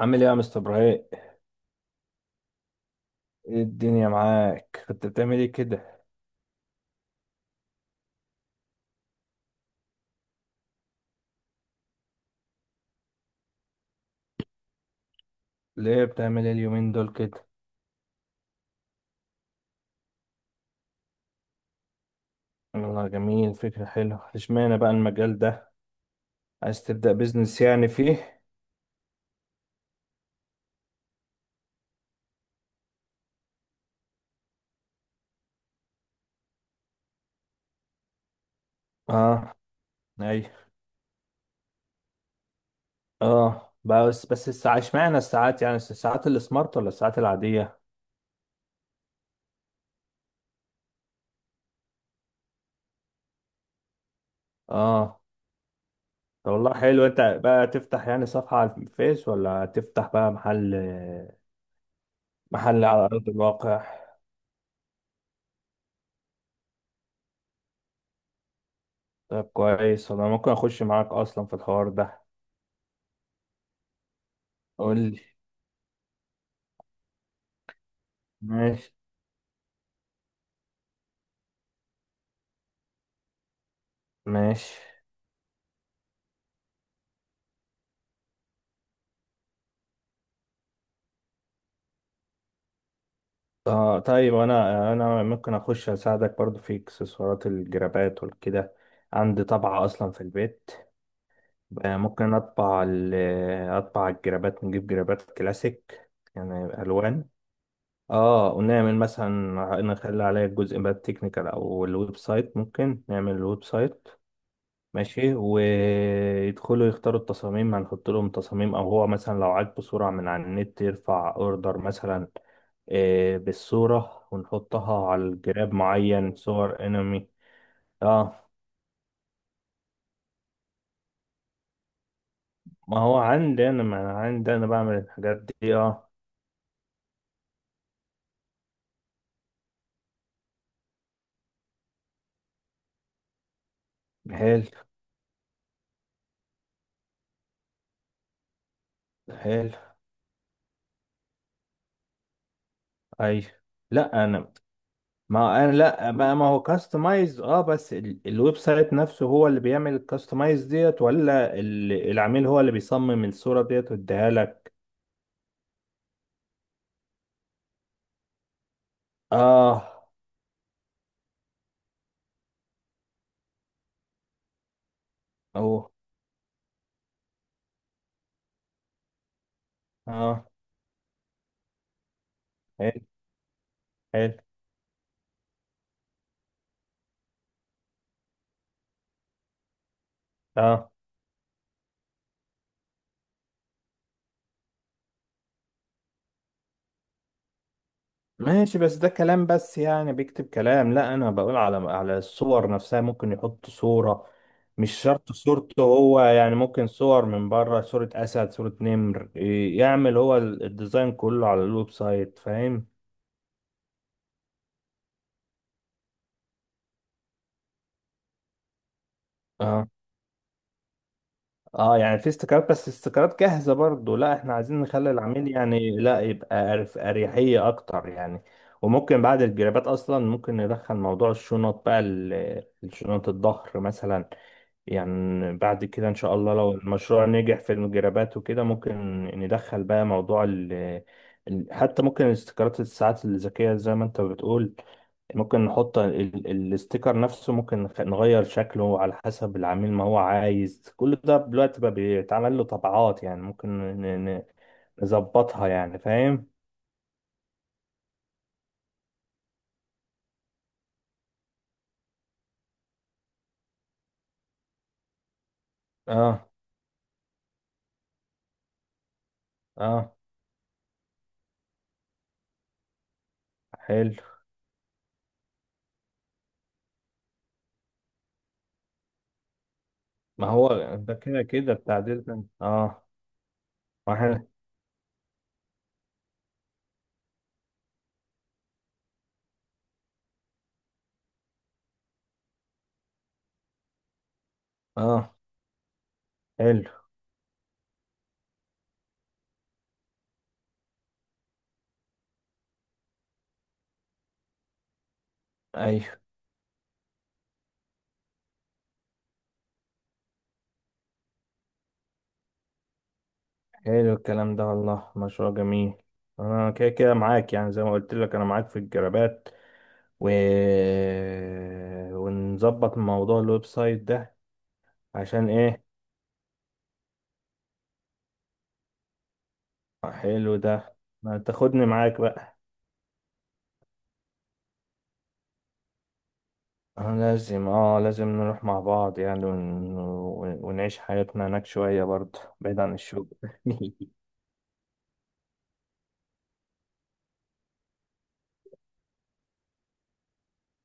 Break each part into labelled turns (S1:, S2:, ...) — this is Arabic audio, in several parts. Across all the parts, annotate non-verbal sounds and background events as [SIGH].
S1: عامل ايه يا مستر ابراهيم؟ ايه الدنيا معاك، كنت بتعمل ايه كده؟ ليه بتعمل ايه اليومين دول كده؟ والله جميل، فكرة حلوة. اشمعنى بقى المجال ده؟ عايز تبدأ بيزنس يعني فيه؟ اه. اي. اه بس الساعة اشمعنى الساعات، يعني الساعات السمارت ولا الساعات العادية؟ اه. طب والله حلو، انت بقى تفتح يعني صفحة على الفيس ولا تفتح بقى محل؟ محل على أرض الواقع. طب كويس، انا ممكن اخش معاك اصلا في الحوار ده. قول لي. ماشي. ماشي. طيب أنا ممكن أخش أساعدك برضو في إكسسوارات الجرابات والكده. عندي طبعة أصلا في البيت. ممكن أطبع الجرابات، نجيب جرابات كلاسيك، يعني ألوان. اه. ونعمل مثلا، نخلي عليها الجزء بقى التكنيكال أو الويب سايت، ممكن نعمل الويب سايت. ماشي، ويدخلوا يختاروا التصاميم، هنحط لهم تصاميم او هو مثلا لو عاجبه صورة من على النت يرفع اوردر مثلا، بالصورة، ونحطها على الجراب، معين صور انمي. اه. ما هو عندي انا، ما انا عندي انا بعمل الحاجات دي. اه. حلو. حلو. اي. لا انا، ما انا لا ما ما هو كاستمايز، اه بس الويب سايت نفسه هو اللي بيعمل الكاستمايز ديت، ولا العميل هو اللي بيصمم الصورة ديت ويديها لك؟ اه. اوه. اه. حلو. حلو. اه. ماشي بس ده كلام، بس يعني بيكتب كلام؟ لا انا بقول على الصور نفسها، ممكن يحط صورة، مش شرط صورته هو، يعني ممكن صور من بره، صورة اسد، صورة نمر، يعمل هو الديزاين كله على الويب سايت، فاهم؟ اه. اه يعني في استيكرات، بس استيكرات جاهزة؟ برضو لا، احنا عايزين نخلي العميل يعني لا، يبقى أريحية أكتر يعني. وممكن بعد الجرابات أصلا ممكن ندخل موضوع الشنط بقى، الشنط الظهر مثلا. يعني بعد كده إن شاء الله لو المشروع نجح في الجرابات وكده ممكن ندخل بقى موضوع ال، حتى ممكن استيكرات الساعات الذكية زي ما أنت بتقول. ممكن نحط الستيكر نفسه، ممكن نغير شكله على حسب العميل ما هو عايز. كل ده دلوقتي بقى بيتعمل له طبعات يعني، ممكن ن- ن- نظبطها يعني، فاهم؟ اه. اه. حلو. ما هو ده كده كده التعديل ده. اه. واحد. اه. حلو. ايوه. حلو الكلام ده والله، مشروع جميل. انا كده كده معاك، يعني زي ما قلت لك انا معاك في الجرابات و... ونظبط موضوع الويب سايت ده. عشان ايه؟ حلو ده. ما تاخدني معاك بقى. لازم، اه لازم نروح مع بعض يعني ونعيش حياتنا هناك شوية برضه بعيد عن الشغل. [LAUGHS]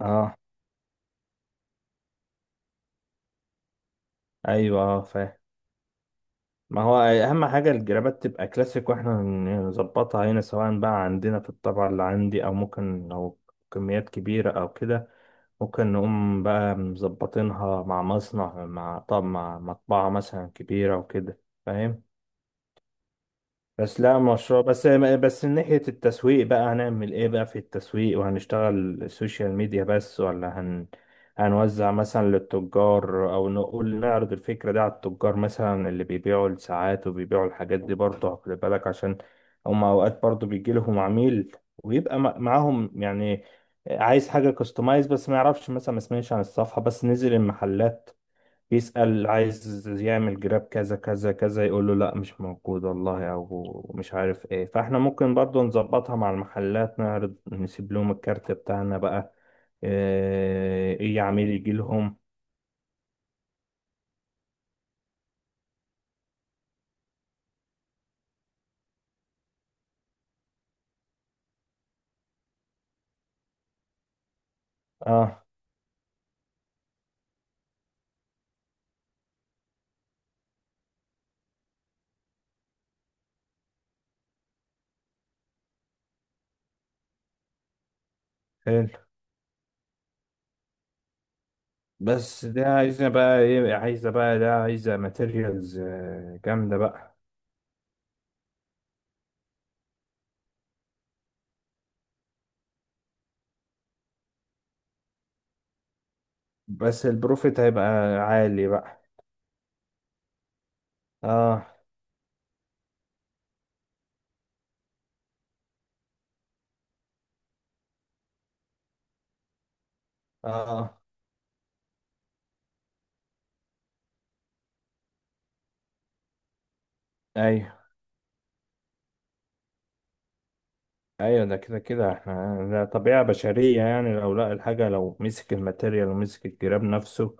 S1: اه. ايوه اه فاهم. ما هو اهم حاجة الجرابات تبقى كلاسيك، واحنا نظبطها هنا سواء بقى عندنا في الطبعة اللي عندي، او ممكن لو كميات كبيرة او كده ممكن نقوم بقى مظبطينها مع مصنع، مع طب مع مطبعة مثلا كبيرة وكده، فاهم؟ بس لا مشروع بس بس من ناحية التسويق بقى هنعمل ايه بقى في التسويق؟ وهنشتغل سوشيال ميديا بس ولا هن، هنوزع مثلا للتجار او نقول نعرض الفكرة دي على التجار مثلا اللي بيبيعوا الساعات وبيبيعوا الحاجات دي؟ برضه خلي بالك عشان هم اوقات برضه بيجي لهم عميل ويبقى معاهم يعني، عايز حاجة كاستمايز بس ما يعرفش مثلا، ما سمعش عن الصفحة، بس نزل المحلات بيسأل، عايز يعمل جراب كذا كذا كذا، يقول له لا مش موجود والله، او مش عارف ايه. فاحنا ممكن برضو نظبطها مع المحلات، نعرض نسيب لهم الكارت بتاعنا بقى، إيه عميل يجي لهم. اه. حلو. بس ده عايزة بقى ايه، عايزة بقى ده عايزة ماتيريالز جامدة بقى. بس البروفيت هيبقى عالي بقى. اه. اه. ايوه. ايوه ده كده كده احنا، ده طبيعة بشرية يعني، لو لقى الحاجة، لو مسك الماتيريال ومسك الجراب نفسه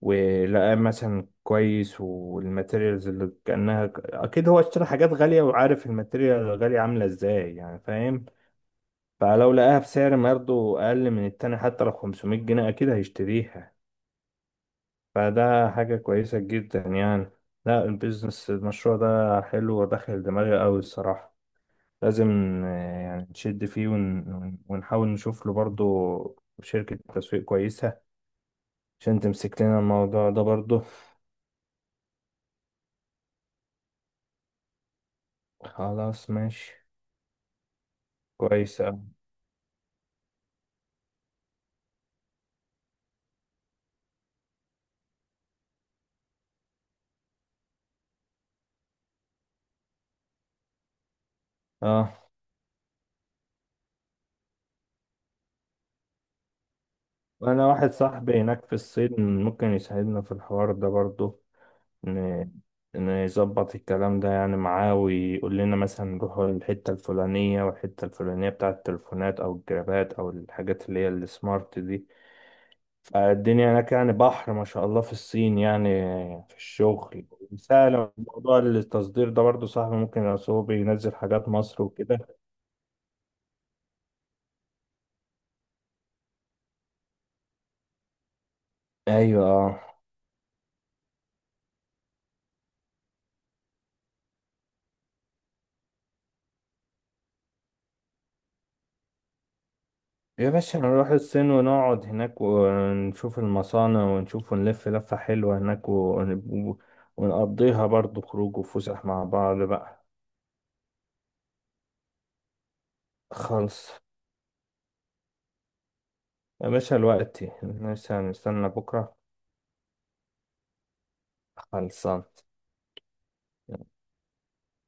S1: ولقاه مثلا كويس والماتيريالز اللي كأنها، اكيد هو اشترى حاجات غالية وعارف الماتيريال الغالية عاملة ازاي، يعني فاهم. فلو لقاها بسعر برضه اقل من التاني حتى لو 500 جنيه، اكيد هيشتريها. فده حاجة كويسة جدا يعني. لا البيزنس، المشروع ده حلو وداخل دماغي قوي الصراحة. لازم، يعني نشد فيه ونحاول نشوف له برضه شركة تسويق كويسة عشان تمسك لنا الموضوع ده برضه. خلاص ماشي. كويس أوي. اه. وانا واحد صاحبي هناك في الصين ممكن يساعدنا في الحوار ده برضه، ن... نظبط الكلام ده يعني معاه، ويقول لنا مثلا نروح الحتة الفلانية والحتة الفلانية بتاعة التليفونات أو الجرابات أو الحاجات اللي هي السمارت دي. الدنيا هناك يعني بحر ما شاء الله في الصين، يعني في الشغل. سهل موضوع التصدير ده برضو، صاحبي ممكن، أصل هو بينزل حاجات مصر وكده. ايوه. اه يا باشا، نروح الصين ونقعد هناك ونشوف المصانع ونشوف ونلف لفة حلوة هناك ونقضيها برضو خروج وفسح مع بعض بقى. خلص يا باشا، الوقت لسه، هنستنى بكرة؟ خلصان.